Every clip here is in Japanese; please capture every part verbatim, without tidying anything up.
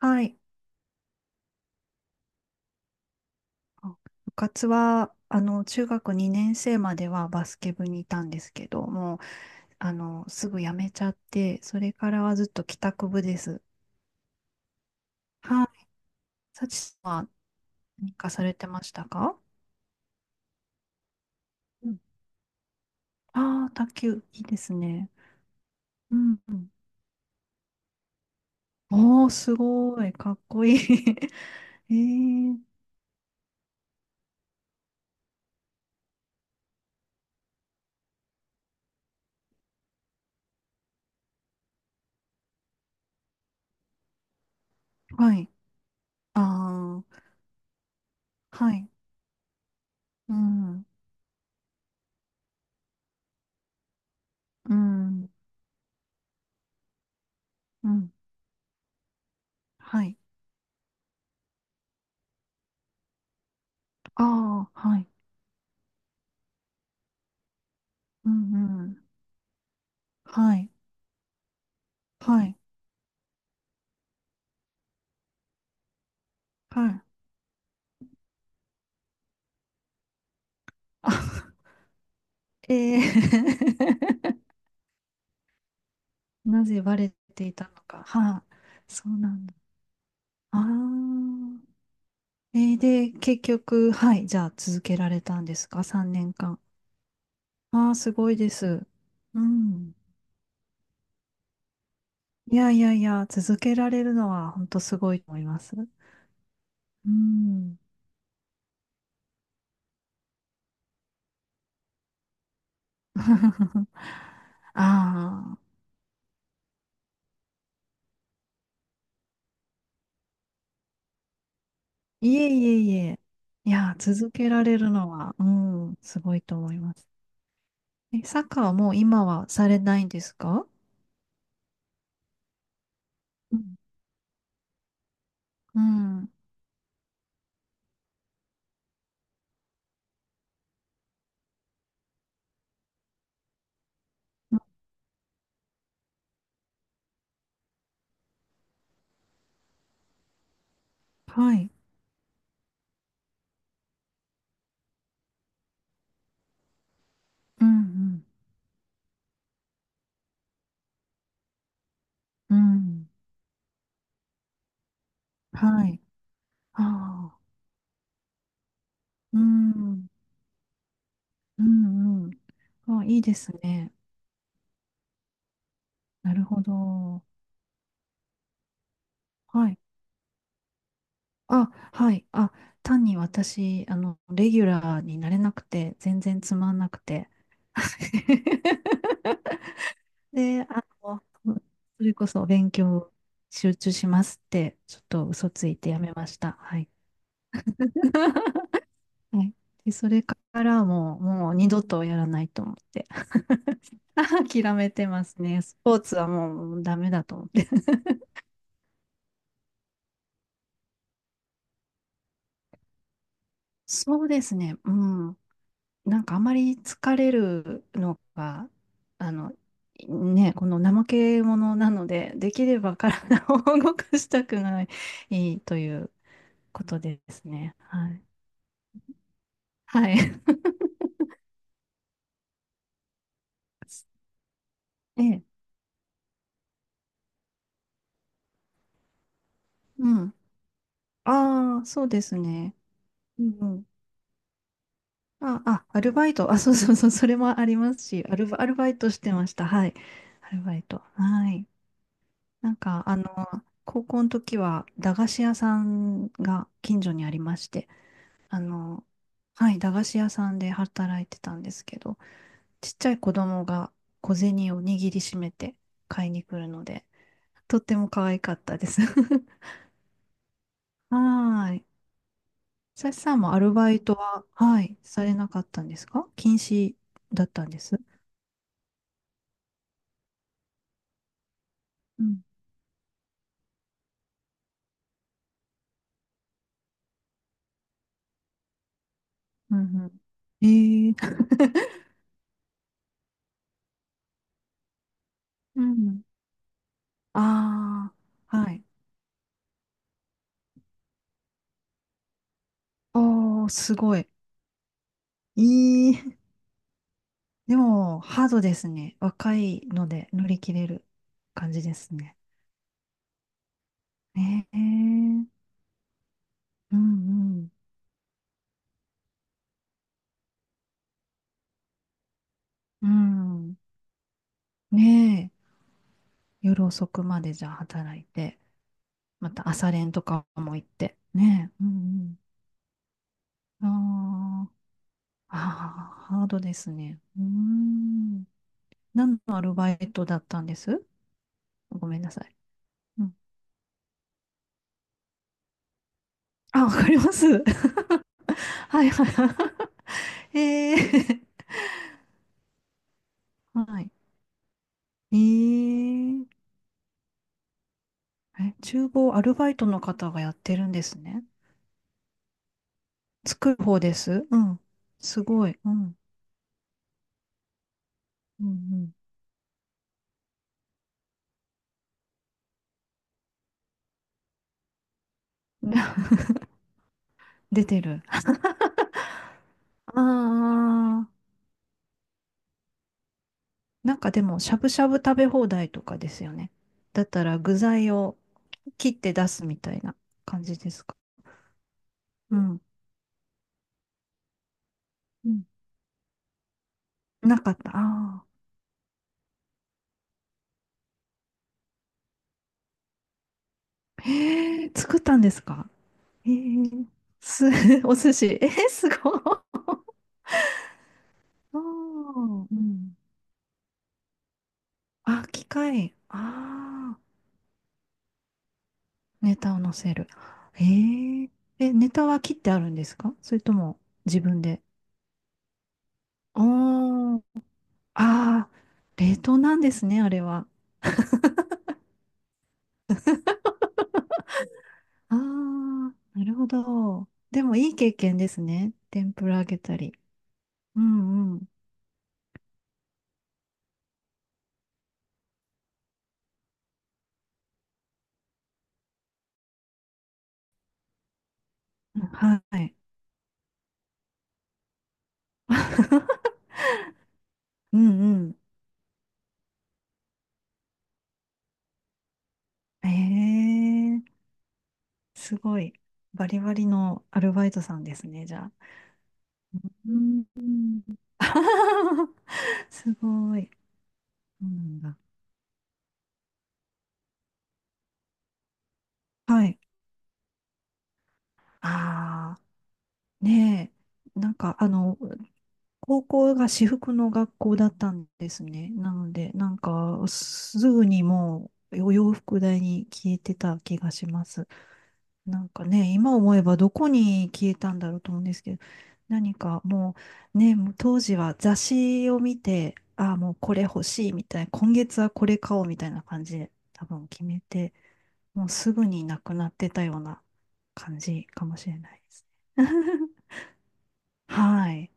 はい。あ部活は、あの、中学にねん生まではバスケ部にいたんですけども、あの、すぐ辞めちゃって、それからはずっと帰宅部です。はい。サチさんは何かされてましたか？うん、ああー、卓球、いいですね。うん。おー、すごい。かっこいい。えー、はい。ああ、はい。うん、うん、うん。はい。ああ、はい。うん、うん。はい。はい。はい。あ、ええ なぜバレていたのか。はい、そうなんだ。ああ。えー、で、結局、はい、じゃあ続けられたんですか？ さん 年間。ああ、すごいです。うん。いやいやいや、続けられるのは本当すごいと思います。うん。ああ、いえいえいえ。いや、続けられるのは、うん、すごいと思います。え、サッカーはもう今はされないんですか？うん。はい。うん、うん、うん。はい。ああ、うん、うん、うん。あ、いいですね。なるほど。はい。あ、はい。あ、単に私、あの、レギュラーになれなくて、全然つまんなくて。で、あの、それこそ勉強集中しますって、ちょっと嘘ついてやめました。はい。はい。で、それからもう、もう二度とやらないと思って。諦めてますね。スポーツはもうダメだと思って。そうですね。うん。なんかあまり疲れるのが、あの、ね、この怠け者なので、できれば体を動かしたくないということですね。はい。はい。ええ。うん。ああ、そうですね。うんうん。あ、あ、アルバイト。あ、そうそうそう。それもありますし、アルバ、アルバイトしてました。はい。アルバイト。はい。なんか、あの高校の時は駄菓子屋さんが近所にありまして、あの、はい、駄菓子屋さんで働いてたんですけど、ちっちゃい子供が小銭を握りしめて買いに来るので、とっても可愛かったです。はーい。さしさんもアルバイトは、はい、されなかったんですか？禁止だったんです。うん。うんうん。ええー うん。ああ、はい。おー、すごい。いい。でも、ハードですね。若いので乗り切れる感じですね。ねえ。うんうん。うん。ねえ。夜遅くまでじゃあ働いて、また朝練とかも行って。ねえ。うんうん。ああ。ああ、ハードですね。うーん。何のアルバイトだったんです？ごめんなさい。うん。あ、わかります。はいはい。ええはい。えええ、厨房アルバイトの方がやってるんですね。作る方です。うん。すごい。うん。うんうん。出てる。ああ。なんかでも、しゃぶしゃぶ食べ放題とかですよね。だったら具材を切って出すみたいな感じですか？うん。うん。なかった。ああ。へえ、作ったんですか。ええ、す、お寿司。えー、すごい。あーうん。あ、機械。ああ。ネタを載せる。えー、え、ネタは切ってあるんですかそれとも自分で。おー、あー、冷凍なんですね、あれは。あー、なるほど。でもいい経験ですね。天ぷら揚げたり。うんうん。はい。うんうん。えー、すごい。バリバリのアルバイトさんですね、じゃあ。うんうん。すごい。そうなんだ。はい。ああ。ねえ、なんかあの、高校が私服の学校だったんですね。なので、なんかすぐにもうお洋服代に消えてた気がします。なんかね、今思えばどこに消えたんだろうと思うんですけど、何かもうね、もう当時は雑誌を見て、ああ、もうこれ欲しいみたいな、今月はこれ買おうみたいな感じで多分決めて、もうすぐになくなってたような感じかもしれないですね。はい。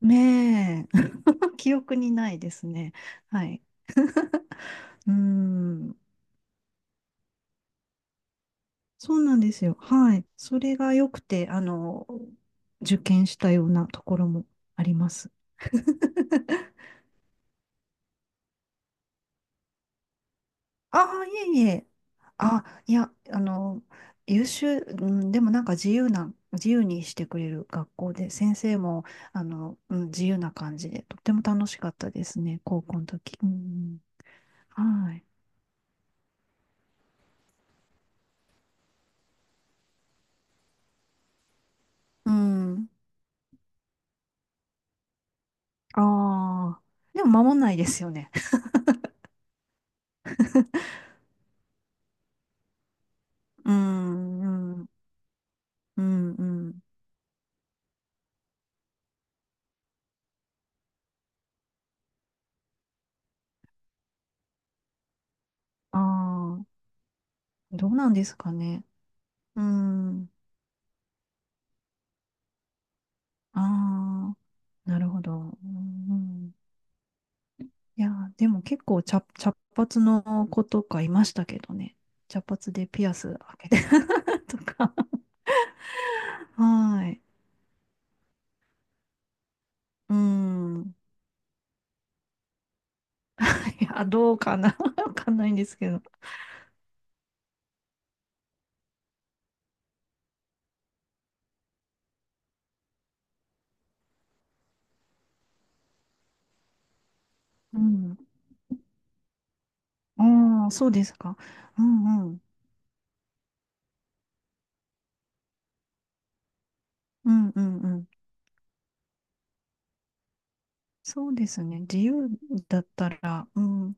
ねえ。記憶にないですね。はい。うーん。そうなんですよ。はい。それが良くて、あの、受験したようなところもあります。ああ、いえいえ。あ、いや、あの、優秀、うん、でもなんか自由な、自由にしてくれる学校で、先生も、あの、うん、自由な感じで、とっても楽しかったですね、高校の時。うん、はい。うん。ああー、でも守んないですよね。うん、うん、うん、うん。ああ、どうなんですかね。うん、ああ、なるほど。うん、いやー、でも結構茶、茶髪の子とかいましたけどね。茶髪でピアス開けてたとか。はい。うん。いや、どうかな わかんないんですけど。うん。ああ、そうですか。うんうん。うんうんうん。そうですね。自由だったら、うん、